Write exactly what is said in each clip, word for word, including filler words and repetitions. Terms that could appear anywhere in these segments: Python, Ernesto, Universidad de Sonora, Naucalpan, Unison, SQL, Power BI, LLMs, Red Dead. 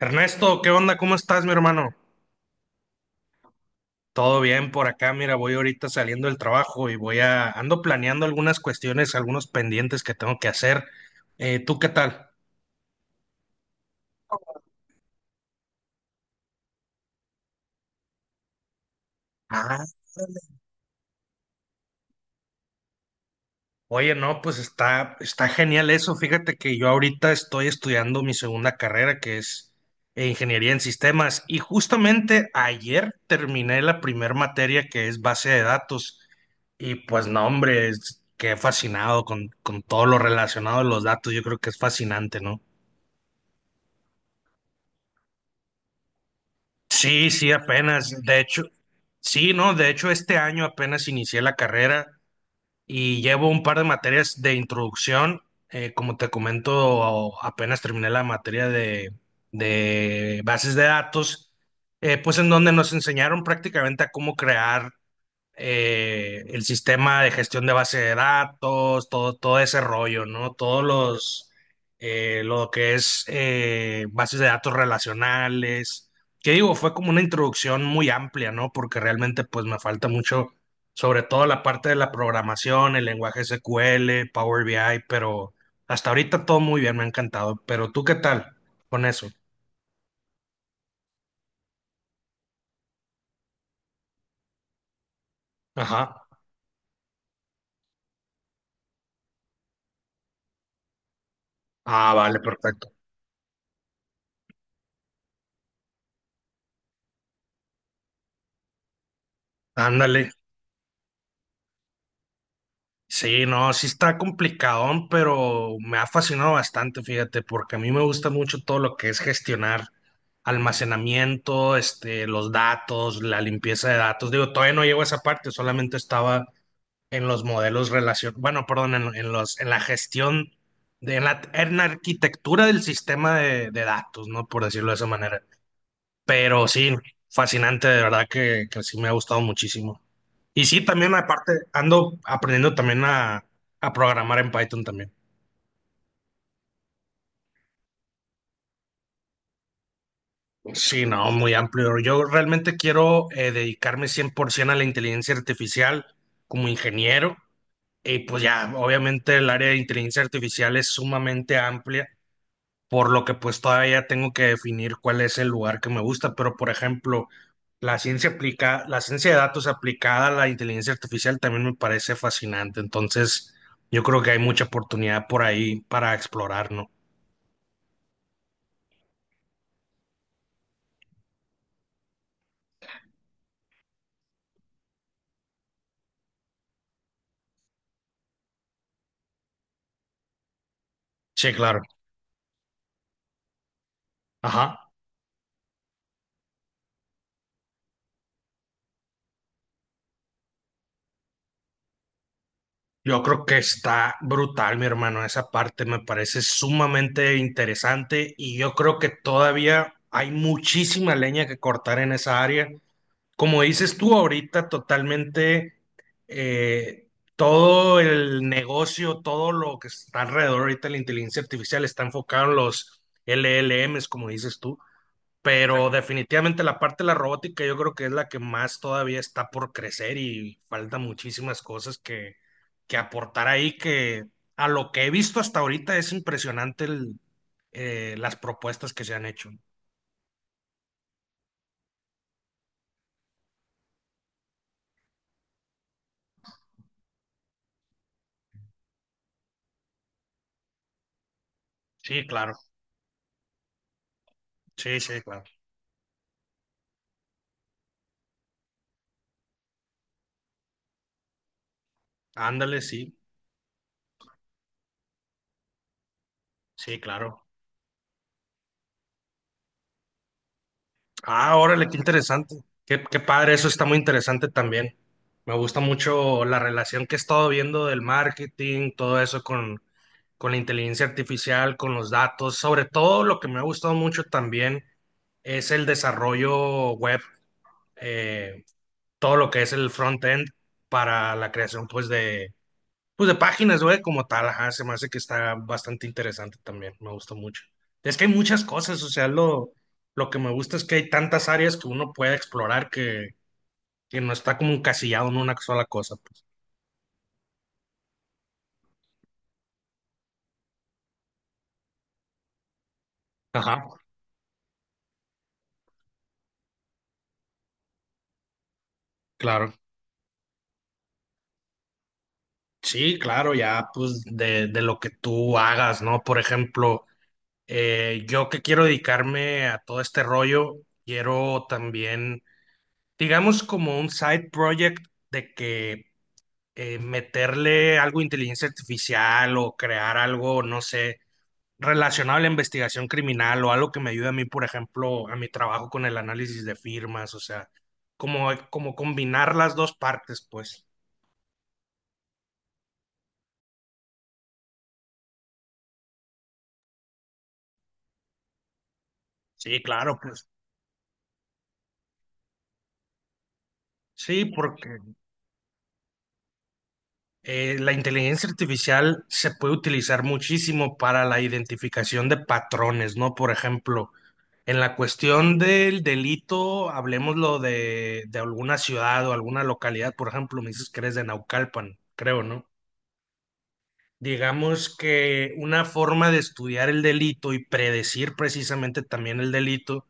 Ernesto, ¿qué onda? ¿Cómo estás, mi hermano? Todo bien por acá. Mira, voy ahorita saliendo del trabajo y voy a ando planeando algunas cuestiones, algunos pendientes que tengo que hacer. Eh, ¿tú qué tal? Ah. Oye, no, pues está, está genial eso. Fíjate que yo ahorita estoy estudiando mi segunda carrera, que es eh, ingeniería en sistemas, y justamente ayer terminé la primer materia que es base de datos. Y pues no, hombre, es- quedé fascinado con, con todo lo relacionado a los datos. Yo creo que es fascinante, ¿no? Sí, sí, apenas. De hecho, sí, no, de hecho este año apenas inicié la carrera y llevo un par de materias de introducción. Eh, como te comento, apenas terminé la materia de, de bases de datos, eh, pues en donde nos enseñaron prácticamente a cómo crear eh, el sistema de gestión de base de datos, todo, todo ese rollo, ¿no? Todos los, eh, lo que es eh, bases de datos relacionales, que digo, fue como una introducción muy amplia, ¿no? Porque realmente pues me falta mucho, sobre todo la parte de la programación, el lenguaje S Q L, Power B I, pero hasta ahorita todo muy bien, me ha encantado. Pero tú, ¿qué tal con eso? Ajá. Ah, vale, perfecto. Ándale. Sí, no, sí está complicadón, pero me ha fascinado bastante, fíjate, porque a mí me gusta mucho todo lo que es gestionar almacenamiento, este, los datos, la limpieza de datos. Digo, todavía no llego a esa parte, solamente estaba en los modelos relación, bueno, perdón, en, en los, en la gestión de, en la, en la arquitectura del sistema de, de datos, ¿no? Por decirlo de esa manera. Pero sí, fascinante, de verdad que, que sí me ha gustado muchísimo. Y sí, también aparte ando aprendiendo también a, a programar en Python también. Sí, no, muy amplio. Yo realmente quiero eh, dedicarme cien por ciento a la inteligencia artificial como ingeniero. Y pues ya, obviamente el área de inteligencia artificial es sumamente amplia por lo que pues todavía tengo que definir cuál es el lugar que me gusta, pero por ejemplo, la ciencia aplica, la ciencia de datos aplicada a la inteligencia artificial también me parece fascinante, entonces yo creo que hay mucha oportunidad por ahí para explorar, ¿no? Sí, claro. Ajá. Yo creo que está brutal, mi hermano. Esa parte me parece sumamente interesante y yo creo que todavía hay muchísima leña que cortar en esa área como dices tú ahorita, totalmente eh, todo el negocio, todo lo que está alrededor ahorita de la inteligencia artificial está enfocado en los L L Ms, como dices tú, pero Exacto. Definitivamente la parte de la robótica yo creo que es la que más todavía está por crecer y falta muchísimas cosas que, que aportar ahí, que a lo que he visto hasta ahorita es impresionante el, eh, las propuestas que se han hecho. Sí, claro, sí, sí, claro. Ándale, sí, sí, claro. Ah, órale, qué interesante. Qué, qué padre, eso está muy interesante también. Me gusta mucho la relación que he estado viendo del marketing, todo eso con, con la inteligencia artificial, con los datos. Sobre todo lo que me ha gustado mucho también es el desarrollo web, eh, todo lo que es el front-end para la creación pues de, pues de páginas web como tal, ajá, se me hace que está bastante interesante también, me gusta mucho. Es que hay muchas cosas, o sea, lo, lo que me gusta es que hay tantas áreas que uno puede explorar que, que no está como encasillado en una sola cosa, pues. Ajá, claro. Sí, claro, ya pues de, de lo que tú hagas, ¿no? Por ejemplo, eh, yo que quiero dedicarme a todo este rollo, quiero también, digamos, como un side project de que eh, meterle algo de inteligencia artificial o crear algo, no sé, relacionado a la investigación criminal o algo que me ayude a mí, por ejemplo, a mi trabajo con el análisis de firmas, o sea, como, como combinar las dos partes, pues. Sí, claro, pues. Sí, porque eh, la inteligencia artificial se puede utilizar muchísimo para la identificación de patrones, ¿no? Por ejemplo, en la cuestión del delito, hablemoslo de, de alguna ciudad o alguna localidad, por ejemplo, me dices que eres de Naucalpan, creo, ¿no? Digamos que una forma de estudiar el delito y predecir precisamente también el delito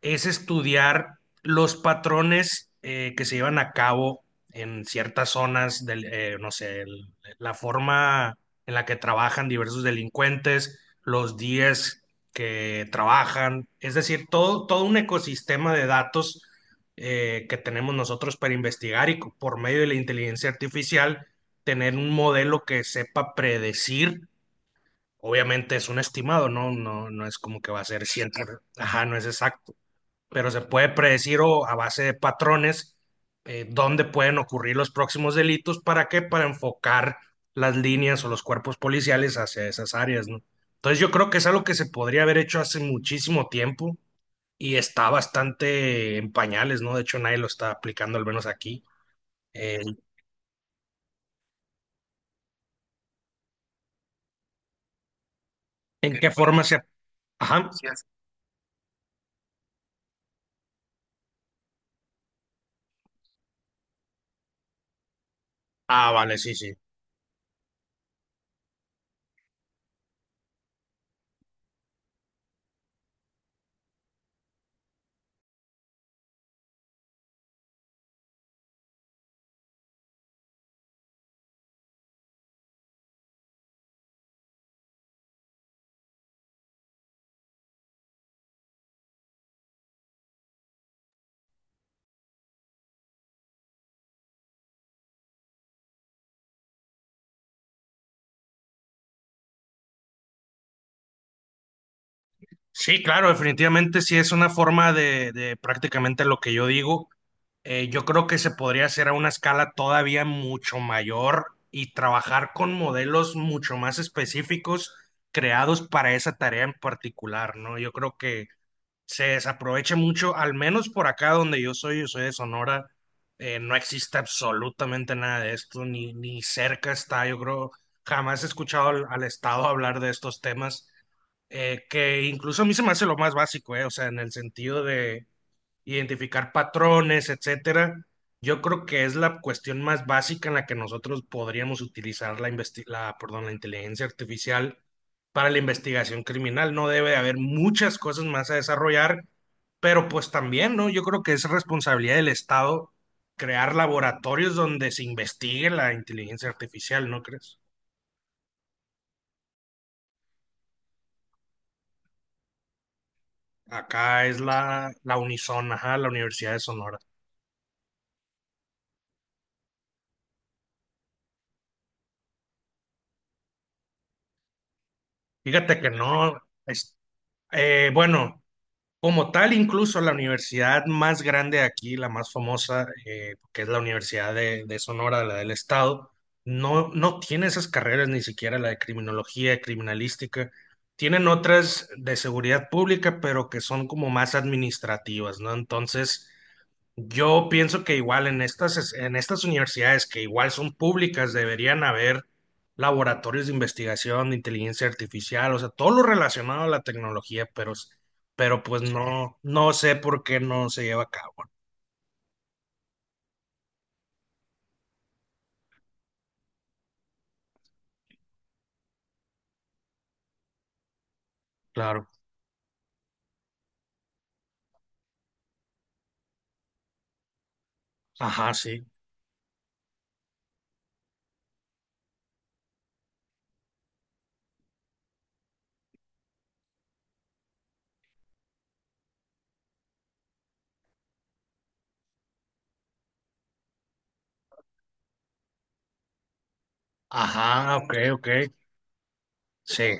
es estudiar los patrones eh, que se llevan a cabo en ciertas zonas del, eh, no sé, el- la forma en la que trabajan diversos delincuentes, los días que trabajan, es decir, todo, todo un ecosistema de datos eh, que tenemos nosotros para investigar y co- por medio de la inteligencia artificial tener un modelo que sepa predecir. Obviamente es un estimado, ¿no? No, no es como que va a ser cien por ciento, ajá, no es exacto, pero se puede predecir o a base de patrones eh, dónde pueden ocurrir los próximos delitos. ¿Para qué? Para enfocar las líneas o los cuerpos policiales hacia esas áreas, ¿no? Entonces yo creo que es algo que se podría haber hecho hace muchísimo tiempo y está bastante en pañales, ¿no? De hecho nadie lo está aplicando, al menos aquí. Eh, ¿En qué forma se... Ajá. Ah, vale, sí, sí. Sí, claro, definitivamente sí es una forma de, de prácticamente lo que yo digo. Eh, yo creo que se podría hacer a una escala todavía mucho mayor y trabajar con modelos mucho más específicos creados para esa tarea en particular, ¿no? Yo creo que se desaprovecha mucho, al menos por acá donde yo soy, yo soy de Sonora, eh, no existe absolutamente nada de esto, ni, ni cerca está, yo creo, jamás he escuchado al, al Estado hablar de estos temas, eh, que incluso a mí se me hace lo más básico, eh, o sea, en el sentido de identificar patrones, etcétera. Yo creo que es la cuestión más básica en la que nosotros podríamos utilizar la, investi- la, perdón, la inteligencia artificial para la investigación criminal. No debe de haber muchas cosas más a desarrollar, pero pues también, ¿no? Yo creo que es responsabilidad del Estado crear laboratorios donde se investigue la inteligencia artificial, ¿no crees? Acá es la, la Unison, ajá, la Universidad de Sonora. Fíjate que no, es, eh, bueno. Como tal, incluso la universidad más grande aquí, la más famosa, eh, que es la Universidad de, de Sonora, la del Estado, no, no tiene esas carreras, ni siquiera la de criminología, criminalística. Tienen otras de seguridad pública, pero que son como más administrativas, ¿no? Entonces, yo pienso que igual en estas, es- en estas universidades que igual son públicas deberían haber laboratorios de investigación de inteligencia artificial, o sea, todo lo relacionado a la tecnología, pero, s- pero pues no, no sé por qué no se lleva a cabo. Claro. Ajá, sí. Ajá, ok, ok. Sí.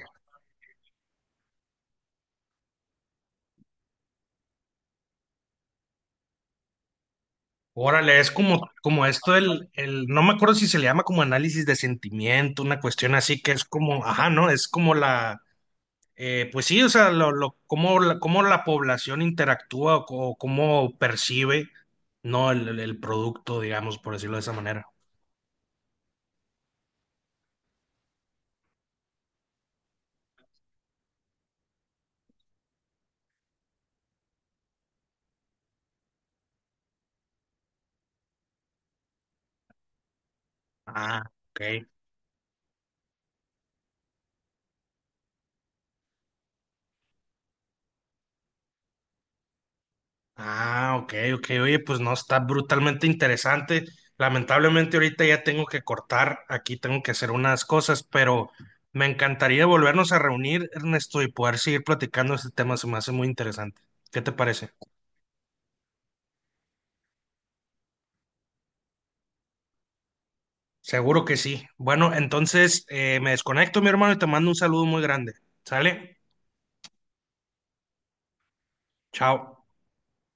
Órale, es como, como esto el, el, no me acuerdo si se le llama como análisis de sentimiento, una cuestión así que es como, ajá, ¿no? Es como la Eh, pues sí, o sea, lo, lo- cómo, la, cómo la población interactúa o, co- cómo percibe, ¿no? El, el- el producto, digamos, por decirlo de esa manera. Ah, ok. Ah, ok, ok. Oye, pues no, está brutalmente interesante. Lamentablemente ahorita ya tengo que cortar, aquí tengo que hacer unas cosas, pero me encantaría volvernos a reunir, Ernesto, y poder seguir platicando este tema, se me hace muy interesante. ¿Qué te parece? Seguro que sí. Bueno, entonces eh, me desconecto, mi hermano, y te mando un saludo muy grande. ¿Sale? Chao.